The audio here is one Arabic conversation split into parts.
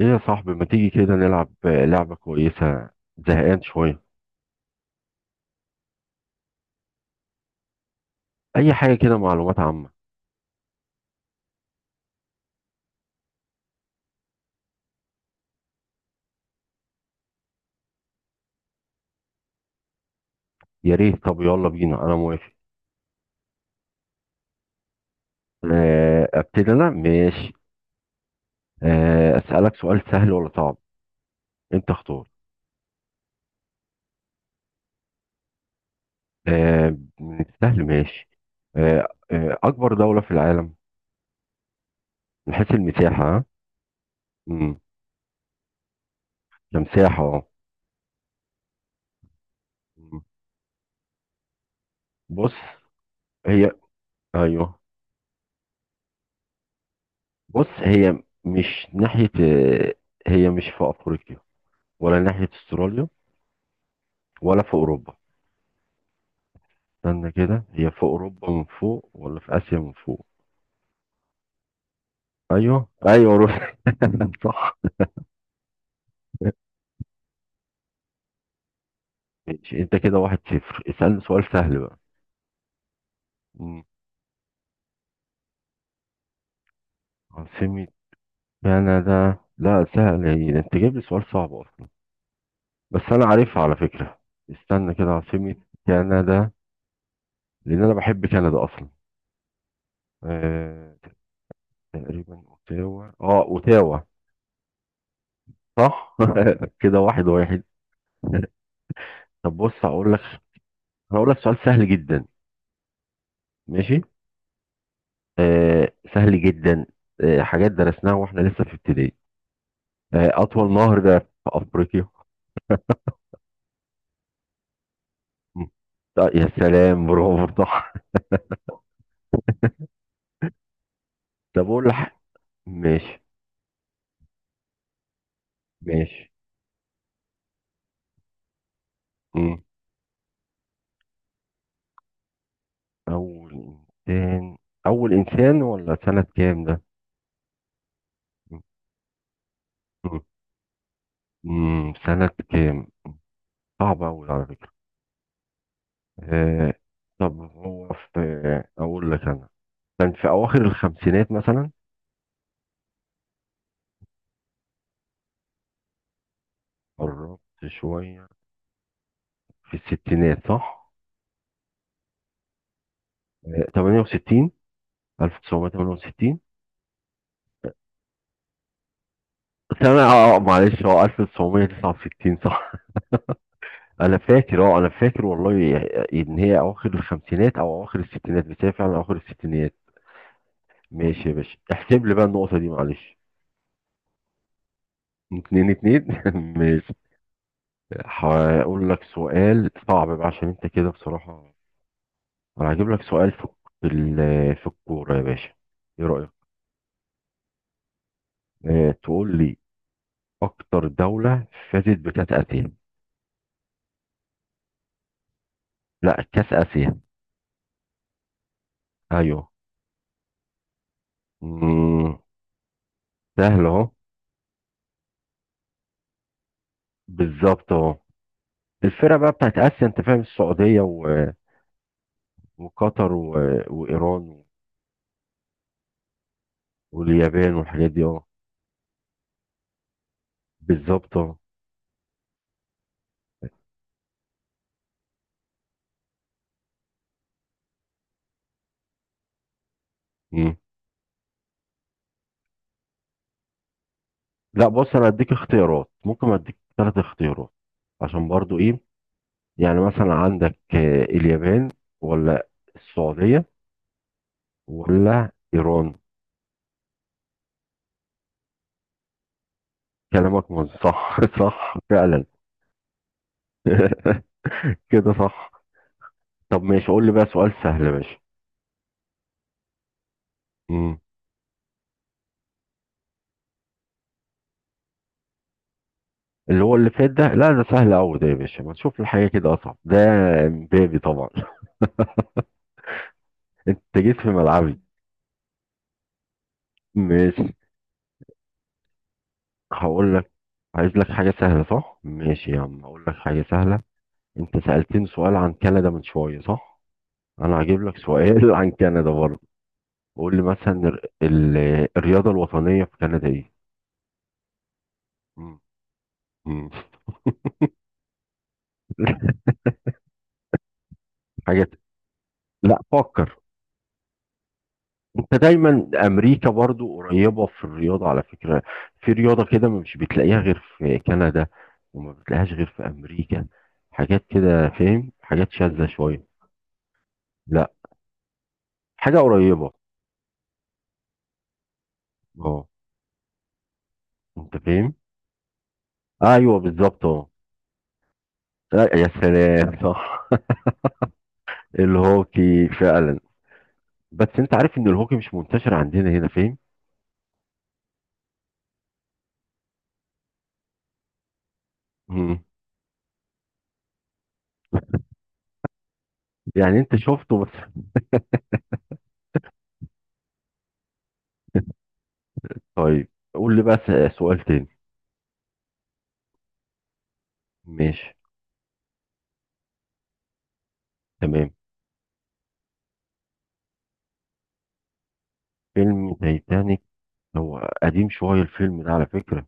ايه يا صاحبي ما تيجي كده نلعب لعبة كويسة؟ زهقان شوية. اي حاجة كده، معلومات عامة. يا ريت، طب يلا بينا، انا موافق. ابتدي انا، ماشي. اسألك سؤال سهل ولا صعب؟ انت اختار. من السهل، ماشي. اكبر دولة في العالم من حيث المساحة، ها؟ مم. كمساحة، اه. مم. بص هي. ايوه، بص هي مش ناحية. آه، هي مش في افريقيا ولا ناحية استراليا ولا في اوروبا؟ استنى كده، هي في اوروبا من فوق ولا في اسيا من فوق؟ ايوه ايوه، روح، صح. ماشي، انت كده واحد صفر. اسألني سؤال سهل بقى. مم. عاصمة كندا؟ لا سهل، هي ده انت جايب لي سؤال صعب اصلا. بس انا عارفها على فكرة. استنى كده، عاصمة كندا. لان انا بحب كندا اصلا. آه... تقريبا اوتاوا، اه، اوتاوا. صح. كده واحد واحد. طب بص، هقول لك. هقول لك سؤال سهل جدا. ماشي. سهل جدا. حاجات درسناها واحنا لسه في ابتدائي. اطول نهر ده في افريقيا. م. طيب، يا سلام، برافو، صح. طب اقول لك. ماشي ماشي. م. اول انسان اول انسان ولا سنة كام ده؟ م. م. م. سنة كام؟ صعب قوي على فكرة. آه. طب هو في، اقول لك انا. كان في اواخر الخمسينات مثلا. قربت شوية. في الستينات، صح. 68. 1968. سنة، معلش، هو 1969، صح. انا فاكر والله ان هي اواخر الخمسينات او اواخر الستينات، بس هي فعلا اواخر الستينات. ماشي يا باشا، احسب لي بقى النقطة دي معلش. اتنين اتنين، ماشي. هقول لك سؤال صعب بقى، عشان انت كده بصراحة. انا هجيب لك سؤال في، في الكورة يا باشا. ايه رأيك؟ اه، تقول لي اكتر دولة فازت بكأس اسيا. لا، كأس اسيا. ايوه. سهل اهو. بالظبط اهو. الفرقة بقى بتاعت آسيا، أنت فاهم، السعودية و... وقطر و... وإيران. واليابان والحاجات دي، اه. بالظبط، اه. مم. لا بص، أنا أديك اختيارات، ممكن أديك ثلاث اختيارات. عشان برضو إيه. يعني مثلا عندك اليابان، ولا السعودية، ولا إيران. كلامك مظبوط، صح، صح فعلا. كده صح. طب ماشي، قول لي بقى سؤال سهل يا باشا. اللي هو اللي فات ده، لا ده سهل قوي ده يا باشا، ما نشوف الحاجه كده اصعب ده. امبابي طبعا. انت جيت في ملعبي. ماشي، هقول لك. عايز لك حاجه سهله، صح؟ ماشي يا عم، هقول لك حاجه سهله. انت سالتني سؤال عن كندا من شويه، صح؟ انا هجيب لك سؤال عن كندا برضه. قول لي مثلا الرياضه الوطنيه في كندا ايه؟ مم. مم. حاجه. لا، فكر. انت دايما امريكا برضو قريبه في الرياضه على فكره. في رياضه كده مش بتلاقيها غير في كندا، وما بتلاقيهاش غير في امريكا. حاجات كده، فاهم، حاجات شاذه شويه. لا. حاجه قريبه. اه. انت فاهم. ايوه، بالظبط، اه. لا، يا سلام، صح. الهوكي فعلا. بس انت عارف ان الهوكي مش منتشر عندنا هنا، فاهم. مم. يعني انت شفته بس. طيب، قول لي بقى سؤال تاني. ماشي، تمام. فيلم تايتانيك. هو قديم شوية الفيلم ده على فكرة.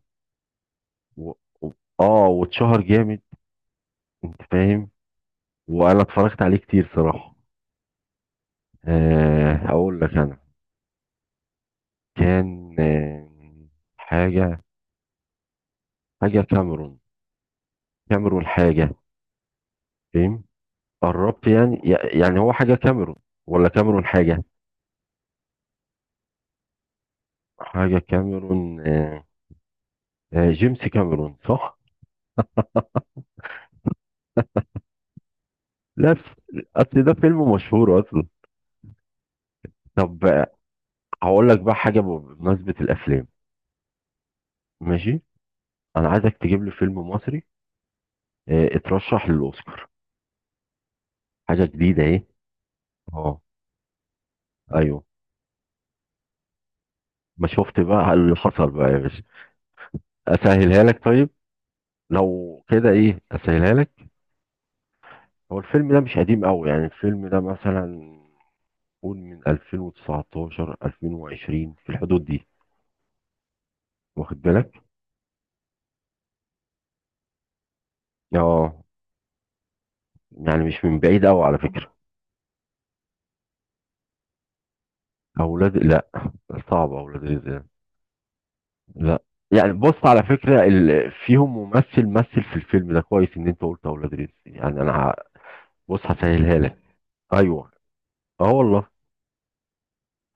و... و... اه، واتشهر جامد، انت فاهم، وانا اتفرجت عليه كتير صراحة. آه، هقول لك انا. كان، آه، حاجة. حاجة كاميرون كاميرون حاجة. فاهم، قربت يعني. يعني هو حاجة كاميرون ولا كاميرون حاجة؟ حاجة كاميرون، جيمس كاميرون، صح؟ لا، اصل ده فيلم مشهور اصلا. طب، هقول لك بقى حاجة بمناسبة الافلام. ماشي. انا عايزك تجيب لي فيلم مصري اترشح للاوسكار، حاجه جديده اهي. اه، ايوه. ما شفت بقى اللي حصل بقى يا باشا. اسهلها لك، طيب. لو كده ايه اسهلها لك. هو الفيلم ده مش قديم قوي، يعني الفيلم ده مثلا، قول من 2019 2020 في الحدود دي، واخد بالك؟ اه. يعني مش من بعيد قوي على فكرة. لا، صعب اولاد رزق ده. لا، يعني بص على فكرة فيهم ممثل مثل في الفيلم ده كويس، ان انت قلت اولاد رزق يعني انا بص هسهلها لك. ايوه، اه والله.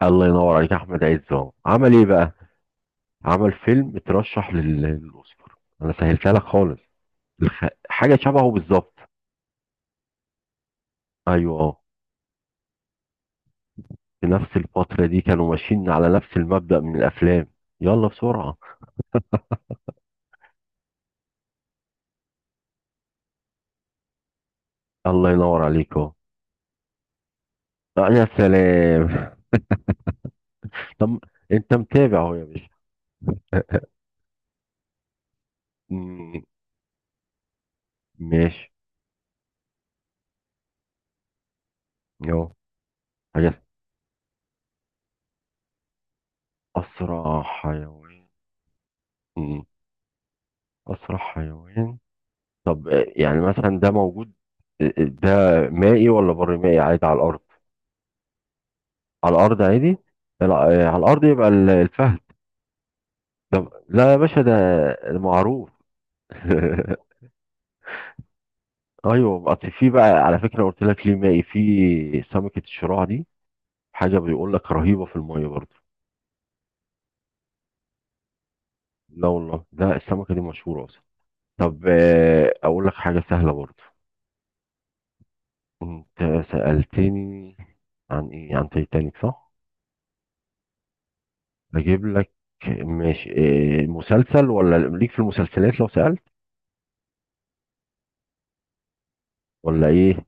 الله ينور عليك يا احمد عز، اهو عمل ايه بقى؟ عمل فيلم اترشح للاوسكار. انا سهلتها لك خالص. حاجه شبهه بالظبط. ايوه، اه. في نفس الفتره دي كانوا ماشيين على نفس المبدأ من الافلام. يلا بسرعه. الله ينور عليك اهو. آه، يا سلام. طب، انت متابع اهو يا باشا. مم. ماشي. اهو حاجه. اسرع حيوان. مم. اسرع حيوان. طب يعني مثلا ده موجود، ده مائي ولا بر مائي عادي على الارض؟ على الارض عادي. لا، على الارض يبقى الفهد. ده لا يا باشا، ده معروف. ايوه، اصل في بقى على فكره، قلت لك ليه مائي، في سمكه الشراع دي، حاجه بيقول لك رهيبه في الميه برضه. لا والله، ده السمكه دي مشهوره اصلا. طب اقول لك حاجه سهله برضه. انت سالتني عن ايه؟ عن تايتانيك، صح. اجيب لك. ماشي، إيه مسلسل؟ ولا ليك في المسلسلات لو سألت ولا ايه؟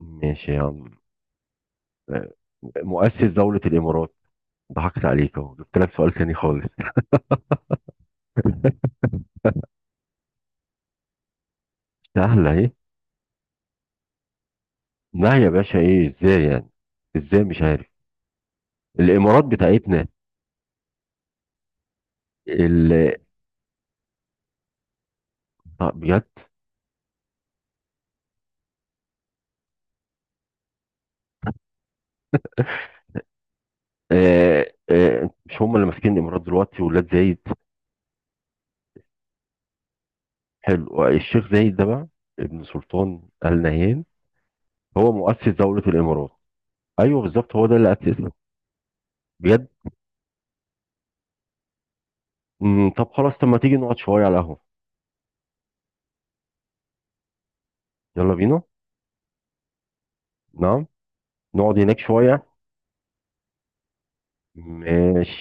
ماشي يا عم. آه، مؤسس دولة الامارات. ضحكت عليك اهو، جبت لك سؤال تاني خالص. سهلة اهي. لا يا باشا، ايه ازاي يعني؟ ازاي مش عارف؟ الامارات بتاعتنا. ال... آه، طب بجد. مش هم اللي ماسكين الامارات دلوقتي ولاد زايد؟ حلو، الشيخ زايد ده بقى ابن سلطان آل نهيان، هو مؤسس دولة الامارات. ايوه بالظبط، هو ده اللي اسسها. بجد. مم. طب خلاص، طب ما تيجي نقعد شوية على القهوة. يلا بينا. نعم. نقعد هناك شوية. ماشي.